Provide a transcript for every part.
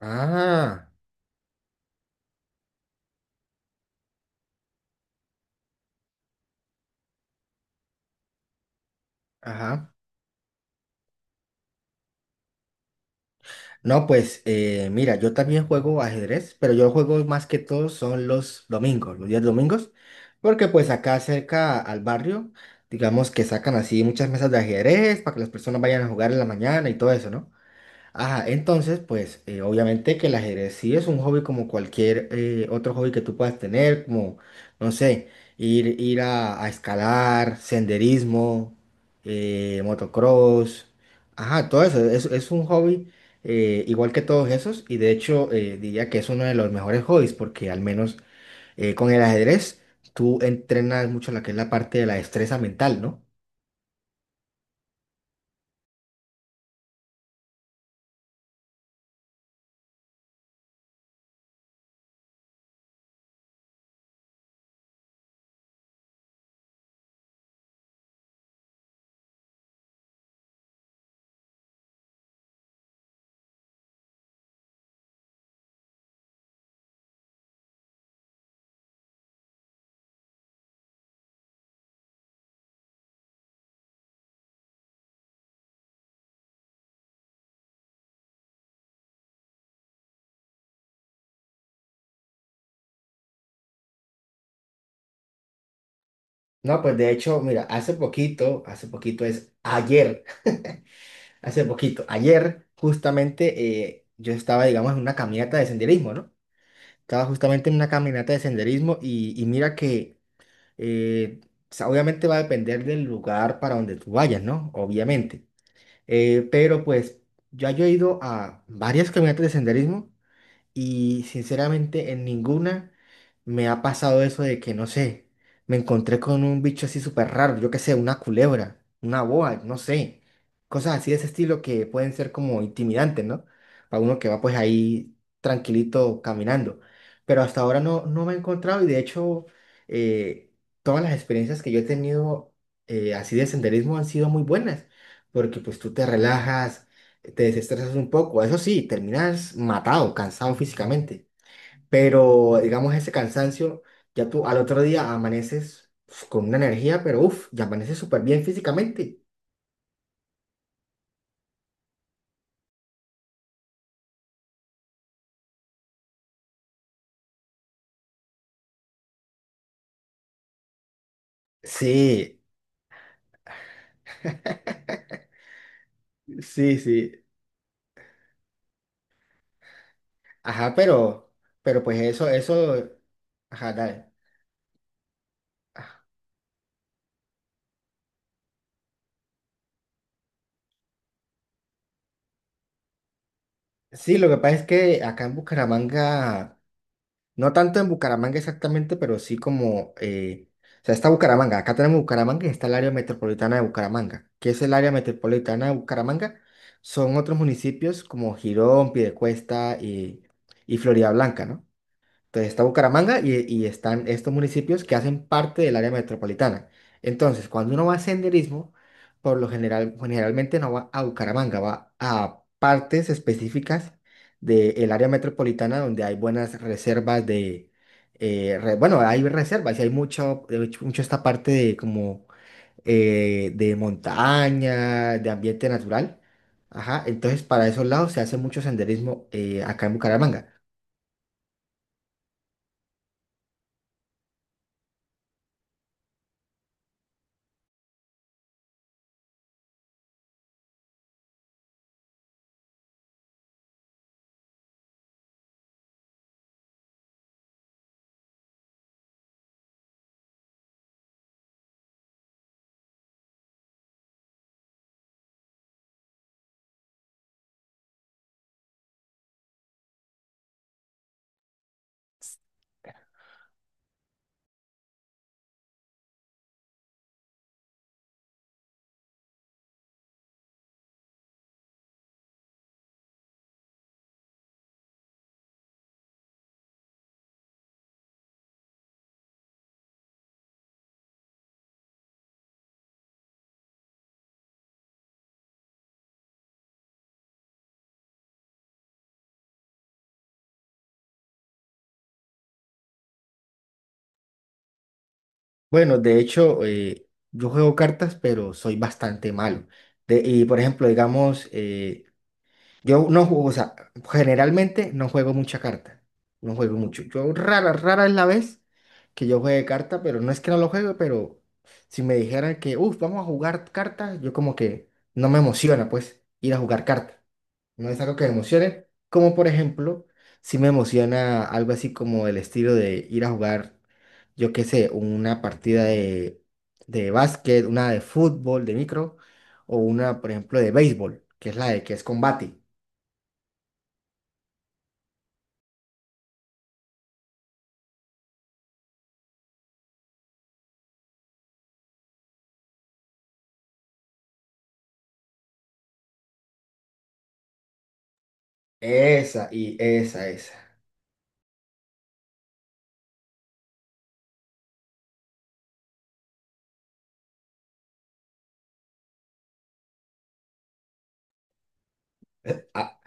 Ah, ajá. No, pues mira, yo también juego ajedrez, pero yo juego más que todo son los domingos, los días domingos, porque pues acá cerca al barrio, digamos que sacan así muchas mesas de ajedrez para que las personas vayan a jugar en la mañana y todo eso, ¿no? Ajá, entonces, pues obviamente que el ajedrez sí es un hobby como cualquier otro hobby que tú puedas tener, como, no sé, ir a escalar, senderismo, motocross, ajá, todo eso, es un hobby igual que todos esos y de hecho diría que es uno de los mejores hobbies porque al menos con el ajedrez tú entrenas mucho la que es la parte de la destreza mental, ¿no? No, pues de hecho, mira, hace poquito es ayer. Hace poquito, ayer justamente yo estaba, digamos, en una caminata de senderismo, ¿no? Estaba justamente en una caminata de senderismo y mira que eh, o sea, obviamente va a depender del lugar para donde tú vayas, ¿no? Obviamente. Pero pues ya yo he ido a varias caminatas de senderismo y sinceramente en ninguna me ha pasado eso de que, no sé, me encontré con un bicho así súper raro, yo qué sé, una culebra, una boa, no sé. Cosas así de ese estilo que pueden ser como intimidantes, ¿no? Para uno que va pues ahí tranquilito caminando. Pero hasta ahora no, no me he encontrado y de hecho eh, todas las experiencias que yo he tenido así de senderismo han sido muy buenas. Porque pues tú te relajas te desestresas un poco. Eso sí, terminas matado, cansado físicamente. Pero digamos ese cansancio, ya tú al otro día amaneces con una energía, pero ya amaneces súper bien físicamente. Sí, sí, sí. Ajá, pero pues eso, ajá, dale. Sí, lo que pasa es que acá en Bucaramanga. No tanto en Bucaramanga exactamente, pero sí como, o sea, está Bucaramanga, acá tenemos Bucaramanga y está el área metropolitana de Bucaramanga. ¿Qué es el área metropolitana de Bucaramanga? Son otros municipios como Girón, Piedecuesta y Floridablanca, ¿no? Entonces está Bucaramanga y están estos municipios que hacen parte del área metropolitana. Entonces, cuando uno va a senderismo, por lo general, generalmente no va a Bucaramanga, va a partes específicas del área metropolitana donde hay buenas reservas de, bueno, hay reservas y hay mucho, de mucho esta parte de como de montaña, de ambiente natural. Ajá, entonces para esos lados se hace mucho senderismo acá en Bucaramanga. Bueno, de hecho, yo juego cartas, pero soy bastante malo. Y por ejemplo, digamos, yo no juego, o sea, generalmente no juego mucha carta. No juego mucho. Yo rara es la vez que yo juegue carta, pero no es que no lo juegue, pero si me dijeran que, uff, vamos a jugar cartas, yo como que no me emociona, pues, ir a jugar cartas. No es algo que me emocione, como por ejemplo, si me emociona algo así como el estilo de ir a jugar, yo qué sé, de básquet, una de fútbol, de micro, o una, por ejemplo, de béisbol, que es la de que es combate. Esa. Ah,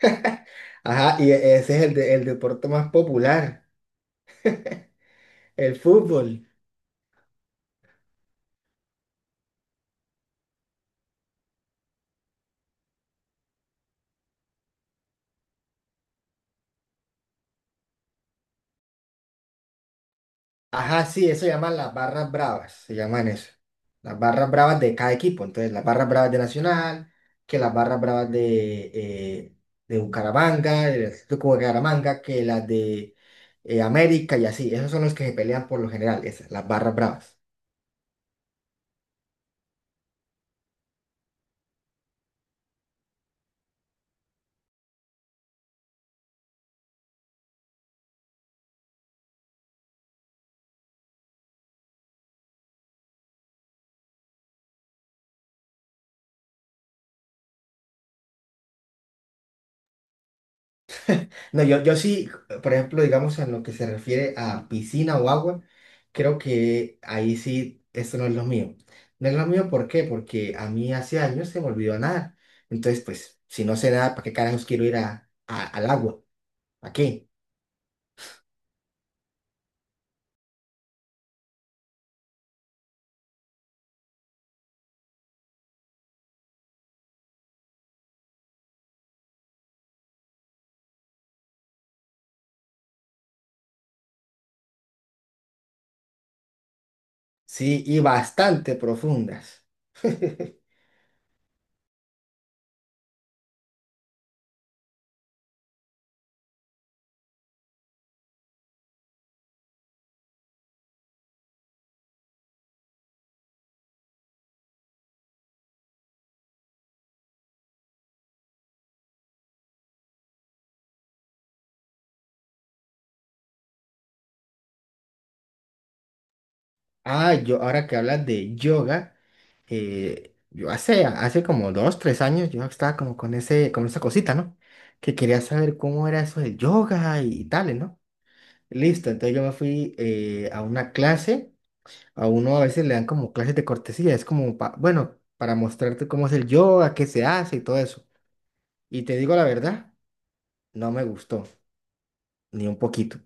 Ajá, y e- ese es el, de- el deporte más popular, el fútbol. Ajá, sí, eso se llaman las barras bravas, se llaman eso. Las barras bravas de cada equipo. Entonces, las barras bravas de Nacional, que las barras bravas de Bucaramanga, del Atlético de Bucaramanga, que las de América y así. Esos son los que se pelean por lo general, esas, las barras bravas. No, yo sí, por ejemplo, digamos en lo que se refiere a piscina o agua, creo que ahí sí, esto no es lo mío. No es lo mío, ¿por qué? Porque a mí hace años se me olvidó nadar. Entonces, pues, si no sé nada, ¿para qué carajos quiero ir al agua? ¿Para qué? Sí, y bastante profundas. Ah, yo, ahora que hablas de yoga, hace como dos, tres años yo estaba como con ese, con esa cosita, ¿no? Que quería saber cómo era eso del yoga y, tales, ¿no? Listo, entonces yo me fui a una clase, a uno a veces le dan como clases de cortesía, es como, bueno, para mostrarte cómo es el yoga, qué se hace y todo eso. Y te digo la verdad, no me gustó, ni un poquito.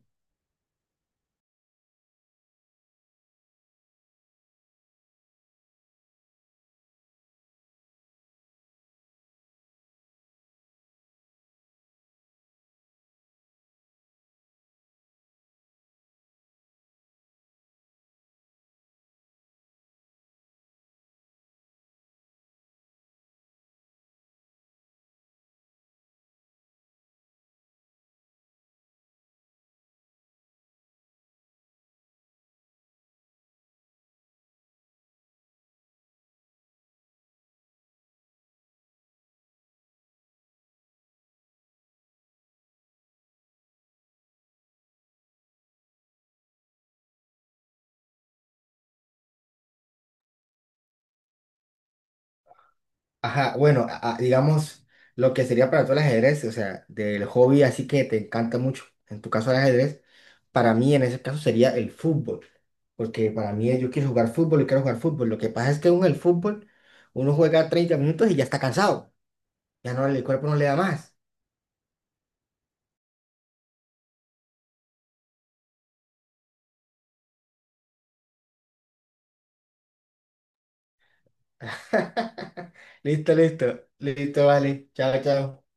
Ajá, bueno, digamos, lo que sería para tú el ajedrez, o sea, del hobby así que te encanta mucho, en tu caso el ajedrez, para mí en ese caso sería el fútbol, porque para mí yo quiero jugar fútbol y quiero jugar fútbol. Lo que pasa es que uno en el fútbol, uno juega 30 minutos y ya está cansado. Ya no, el cuerpo no le da más. Listo, listo. Listo, vale. Chao, chao.